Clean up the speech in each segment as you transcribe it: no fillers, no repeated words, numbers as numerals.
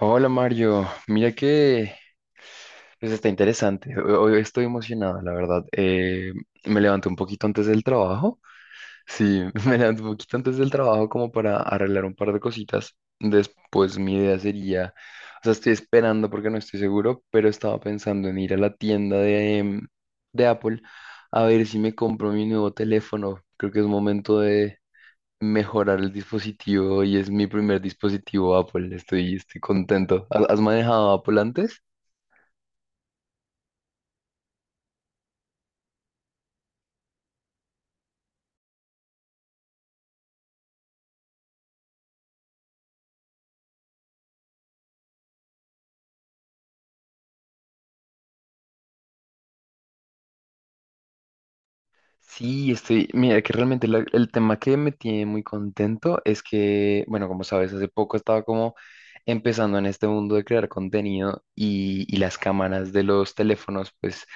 Hola Mario, mira que pues está interesante. Hoy estoy emocionado, la verdad. Me levanté un poquito antes del trabajo. Sí, me levanté un poquito antes del trabajo como para arreglar un par de cositas. Después mi idea sería, o sea, estoy esperando porque no estoy seguro, pero estaba pensando en ir a la tienda de de Apple a ver si me compro mi nuevo teléfono. Creo que es momento de mejorar el dispositivo, y es mi primer dispositivo Apple. Estoy contento. ¿ ¿Has manejado Apple antes? Sí, estoy. Mira, que realmente el tema que me tiene muy contento es que, bueno, como sabes, hace poco estaba como empezando en este mundo de crear contenido y las cámaras de los teléfonos, pues,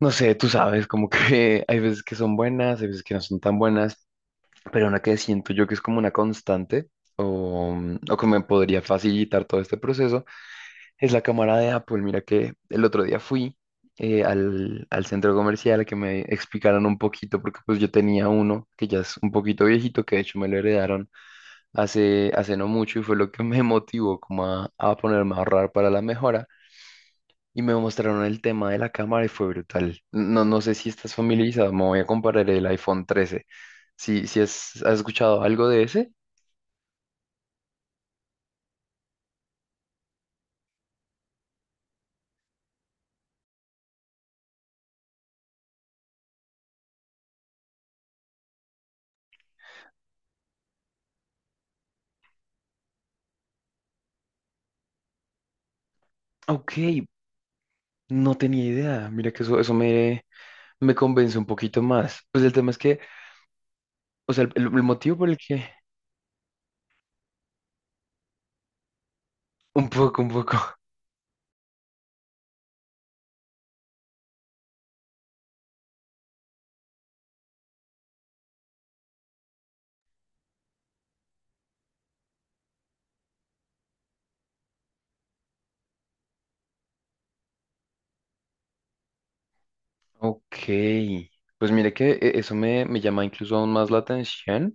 no sé, tú sabes, como que hay veces que son buenas, hay veces que no son tan buenas, pero una que siento yo que es como una constante o, o que me podría facilitar todo este proceso. Es la cámara de Apple. Mira que el otro día fui al al centro comercial a que me explicaran un poquito, porque pues yo tenía uno que ya es un poquito viejito, que de hecho me lo heredaron hace no mucho y fue lo que me motivó como a ponerme a ahorrar para la mejora. Y me mostraron el tema de la cámara y fue brutal. No, no sé si estás familiarizado, me voy a comparar el iPhone 13. Si, has escuchado algo de ese. Ok, no tenía idea. Mira que eso me convence un poquito más. Pues el tema es que. O sea, el motivo por el que... Un poco, un poco. Ok. Pues mire que eso me llama incluso aún más la atención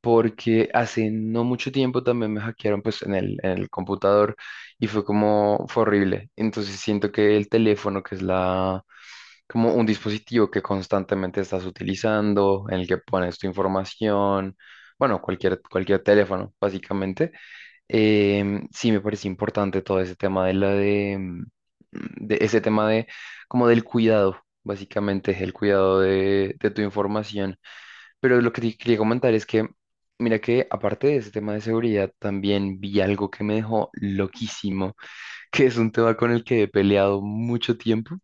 porque hace no mucho tiempo también me hackearon pues en en el computador y fue como, fue horrible. Entonces siento que el teléfono, que es la, como un dispositivo que constantemente estás utilizando, en el que pones tu información, bueno, cualquier teléfono básicamente. Sí, me parece importante todo ese tema de la de, mm, de ese tema de como del cuidado, básicamente, es el cuidado de tu información. Pero lo que te quería comentar es que, mira que aparte de ese tema de seguridad, también vi algo que me dejó loquísimo, que es un tema con el que he peleado mucho tiempo,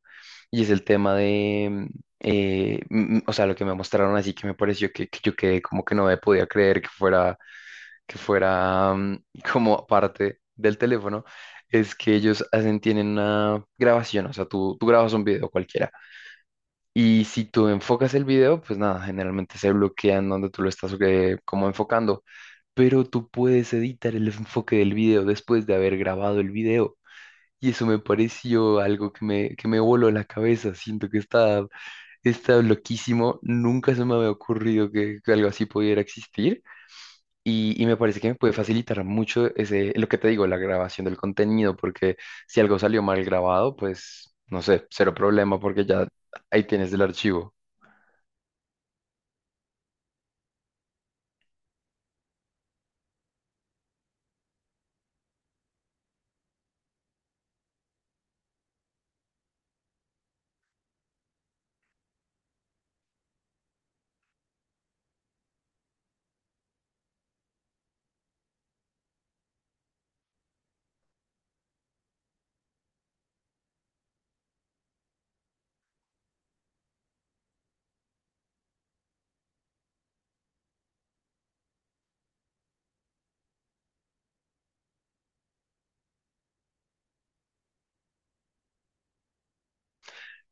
y es el tema de o sea, lo que me mostraron así que me pareció que yo quedé como que no me podía creer que fuera que fuera como parte del teléfono, es que ellos hacen, tienen una grabación, o sea, tú grabas un video cualquiera y si tú enfocas el video, pues nada, generalmente se bloquean donde tú lo estás como enfocando, pero tú puedes editar el enfoque del video después de haber grabado el video. Y eso me pareció algo que que me voló la cabeza. Siento que está, está loquísimo. Nunca se me había ocurrido que algo así pudiera existir. Y me parece que me puede facilitar mucho ese, lo que te digo, la grabación del contenido, porque si algo salió mal grabado, pues no sé, cero problema, porque ya ahí tienes el archivo.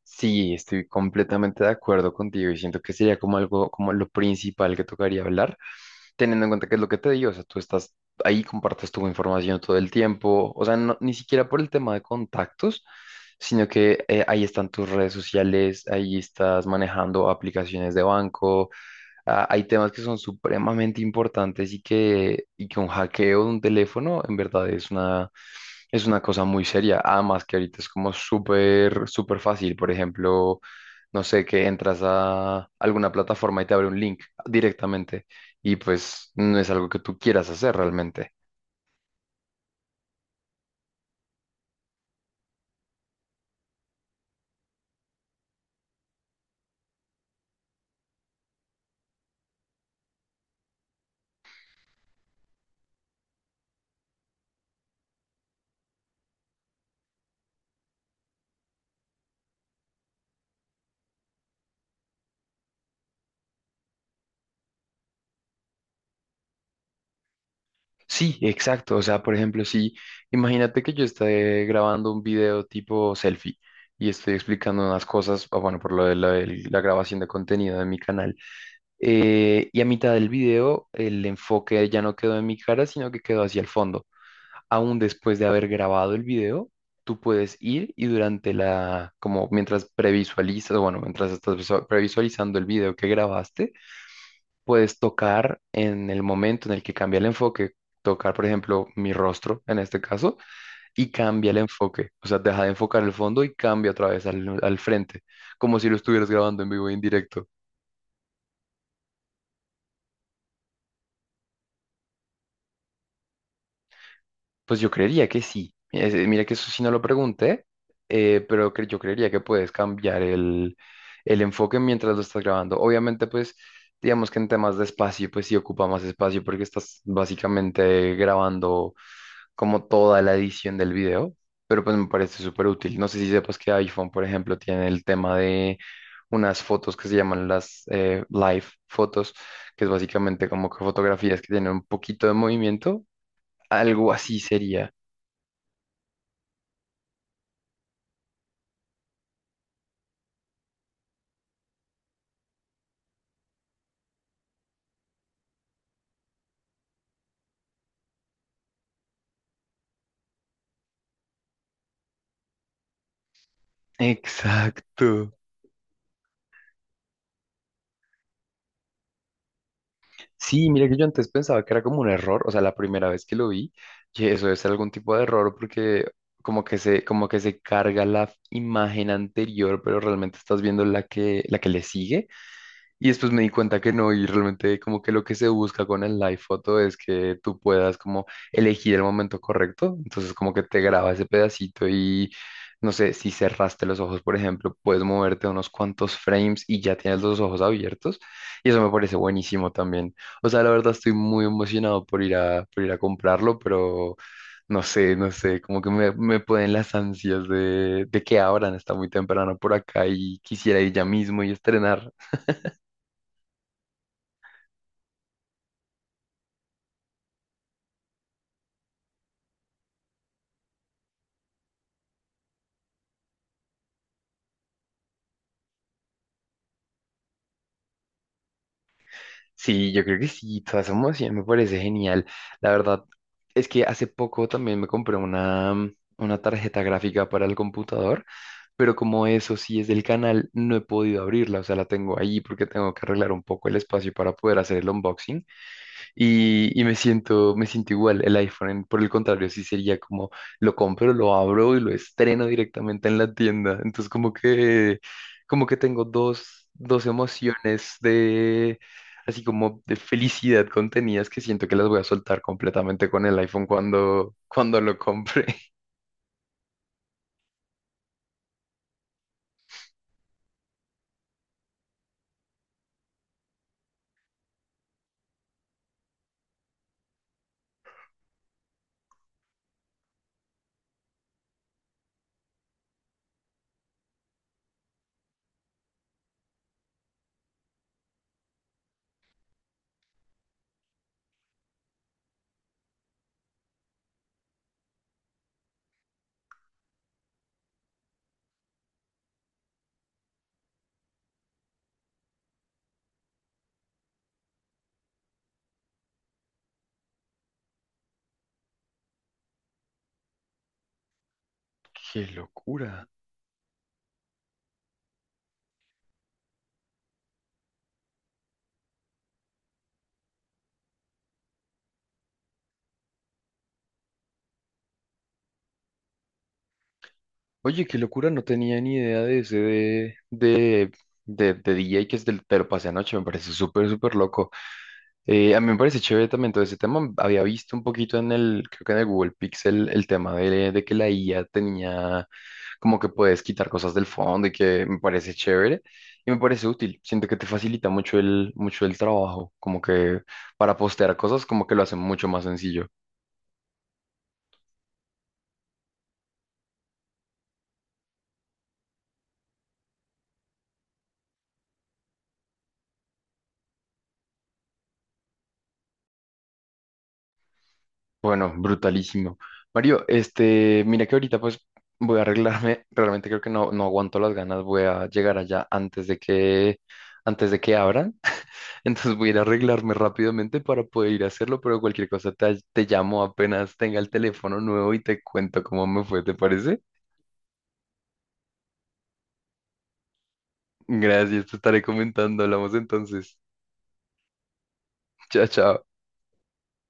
Sí, estoy completamente de acuerdo contigo y siento que sería como algo, como lo principal que tocaría hablar, teniendo en cuenta que es lo que te digo, o sea, tú estás ahí, compartes tu información todo el tiempo, o sea, ni siquiera por el tema de contactos, sino que ahí están tus redes sociales, ahí estás manejando aplicaciones de banco. Ah, hay temas que son supremamente importantes y que un hackeo de un teléfono en verdad es una cosa muy seria. Además que ahorita es como súper, súper fácil. Por ejemplo, no sé, que entras a alguna plataforma y te abre un link directamente, y pues no es algo que tú quieras hacer realmente. Sí, exacto. O sea, por ejemplo, si imagínate que yo esté grabando un video tipo selfie y estoy explicando unas cosas, ah, bueno, por lo de la grabación de contenido de mi canal. Y a mitad del video, el enfoque ya no quedó en mi cara, sino que quedó hacia el fondo. Aún después de haber grabado el video, tú puedes ir y durante la, como mientras previsualizas, o bueno, mientras estás previsualizando el video que grabaste, puedes tocar en el momento en el que cambia el enfoque, tocar, por ejemplo, mi rostro en este caso, y cambia el enfoque. O sea, deja de enfocar el fondo y cambia otra vez al frente, como si lo estuvieras grabando en vivo y en directo. Pues yo creería que sí. Mira que eso sí no lo pregunté, pero yo creería que puedes cambiar el enfoque mientras lo estás grabando. Obviamente, pues, digamos que en temas de espacio, pues sí ocupa más espacio porque estás básicamente grabando como toda la edición del video, pero pues me parece súper útil. No sé si sepas que iPhone, por ejemplo, tiene el tema de unas fotos que se llaman las live fotos, que es básicamente como que fotografías que tienen un poquito de movimiento. Algo así sería. Exacto. Sí, mira que yo antes pensaba que era como un error, o sea, la primera vez que lo vi, que eso es algún tipo de error porque como que se carga la imagen anterior, pero realmente estás viendo la que le sigue. Y después me di cuenta que no, y realmente como que lo que se busca con el live photo es que tú puedas como elegir el momento correcto, entonces como que te graba ese pedacito y no sé, si cerraste los ojos, por ejemplo, puedes moverte unos cuantos frames y ya tienes los ojos abiertos, y eso me parece buenísimo también. O sea, la verdad estoy muy emocionado por ir por ir a comprarlo, pero no sé, no sé, como que me pueden las ansias de que abran, está muy temprano por acá y quisiera ir ya mismo y estrenar. Sí, yo creo que sí, toda somos emoción, me parece genial. La verdad es que hace poco también me compré una tarjeta gráfica para el computador, pero como eso sí es del canal, no he podido abrirla, o sea, la tengo ahí porque tengo que arreglar un poco el espacio para poder hacer el unboxing. Y me siento igual. El iPhone, por el contrario, sí sería como lo compro, lo abro y lo estreno directamente en la tienda. Entonces, como que tengo dos emociones de, así como de felicidad contenidas que siento que las voy a soltar completamente con el iPhone cuando lo compre. ¡Qué locura! Oye, qué locura, no tenía ni idea de ese de DJ que es del, te lo pasé anoche, me parece súper, súper loco. A mí me parece chévere también todo ese tema. Había visto un poquito en el, creo que en el Google Pixel, el tema de que la IA tenía como que puedes quitar cosas del fondo, y que me parece chévere y me parece útil. Siento que te facilita mucho mucho el trabajo, como que para postear cosas, como que lo hacen mucho más sencillo. Bueno, brutalísimo. Mario, este, mira que ahorita pues voy a arreglarme. Realmente creo que no, no aguanto las ganas. Voy a llegar allá antes de que abran. Entonces voy a ir a arreglarme rápidamente para poder ir a hacerlo, pero cualquier cosa te llamo apenas tenga el teléfono nuevo y te cuento cómo me fue, ¿te parece? Gracias, te estaré comentando. Hablamos entonces. Chao, chao.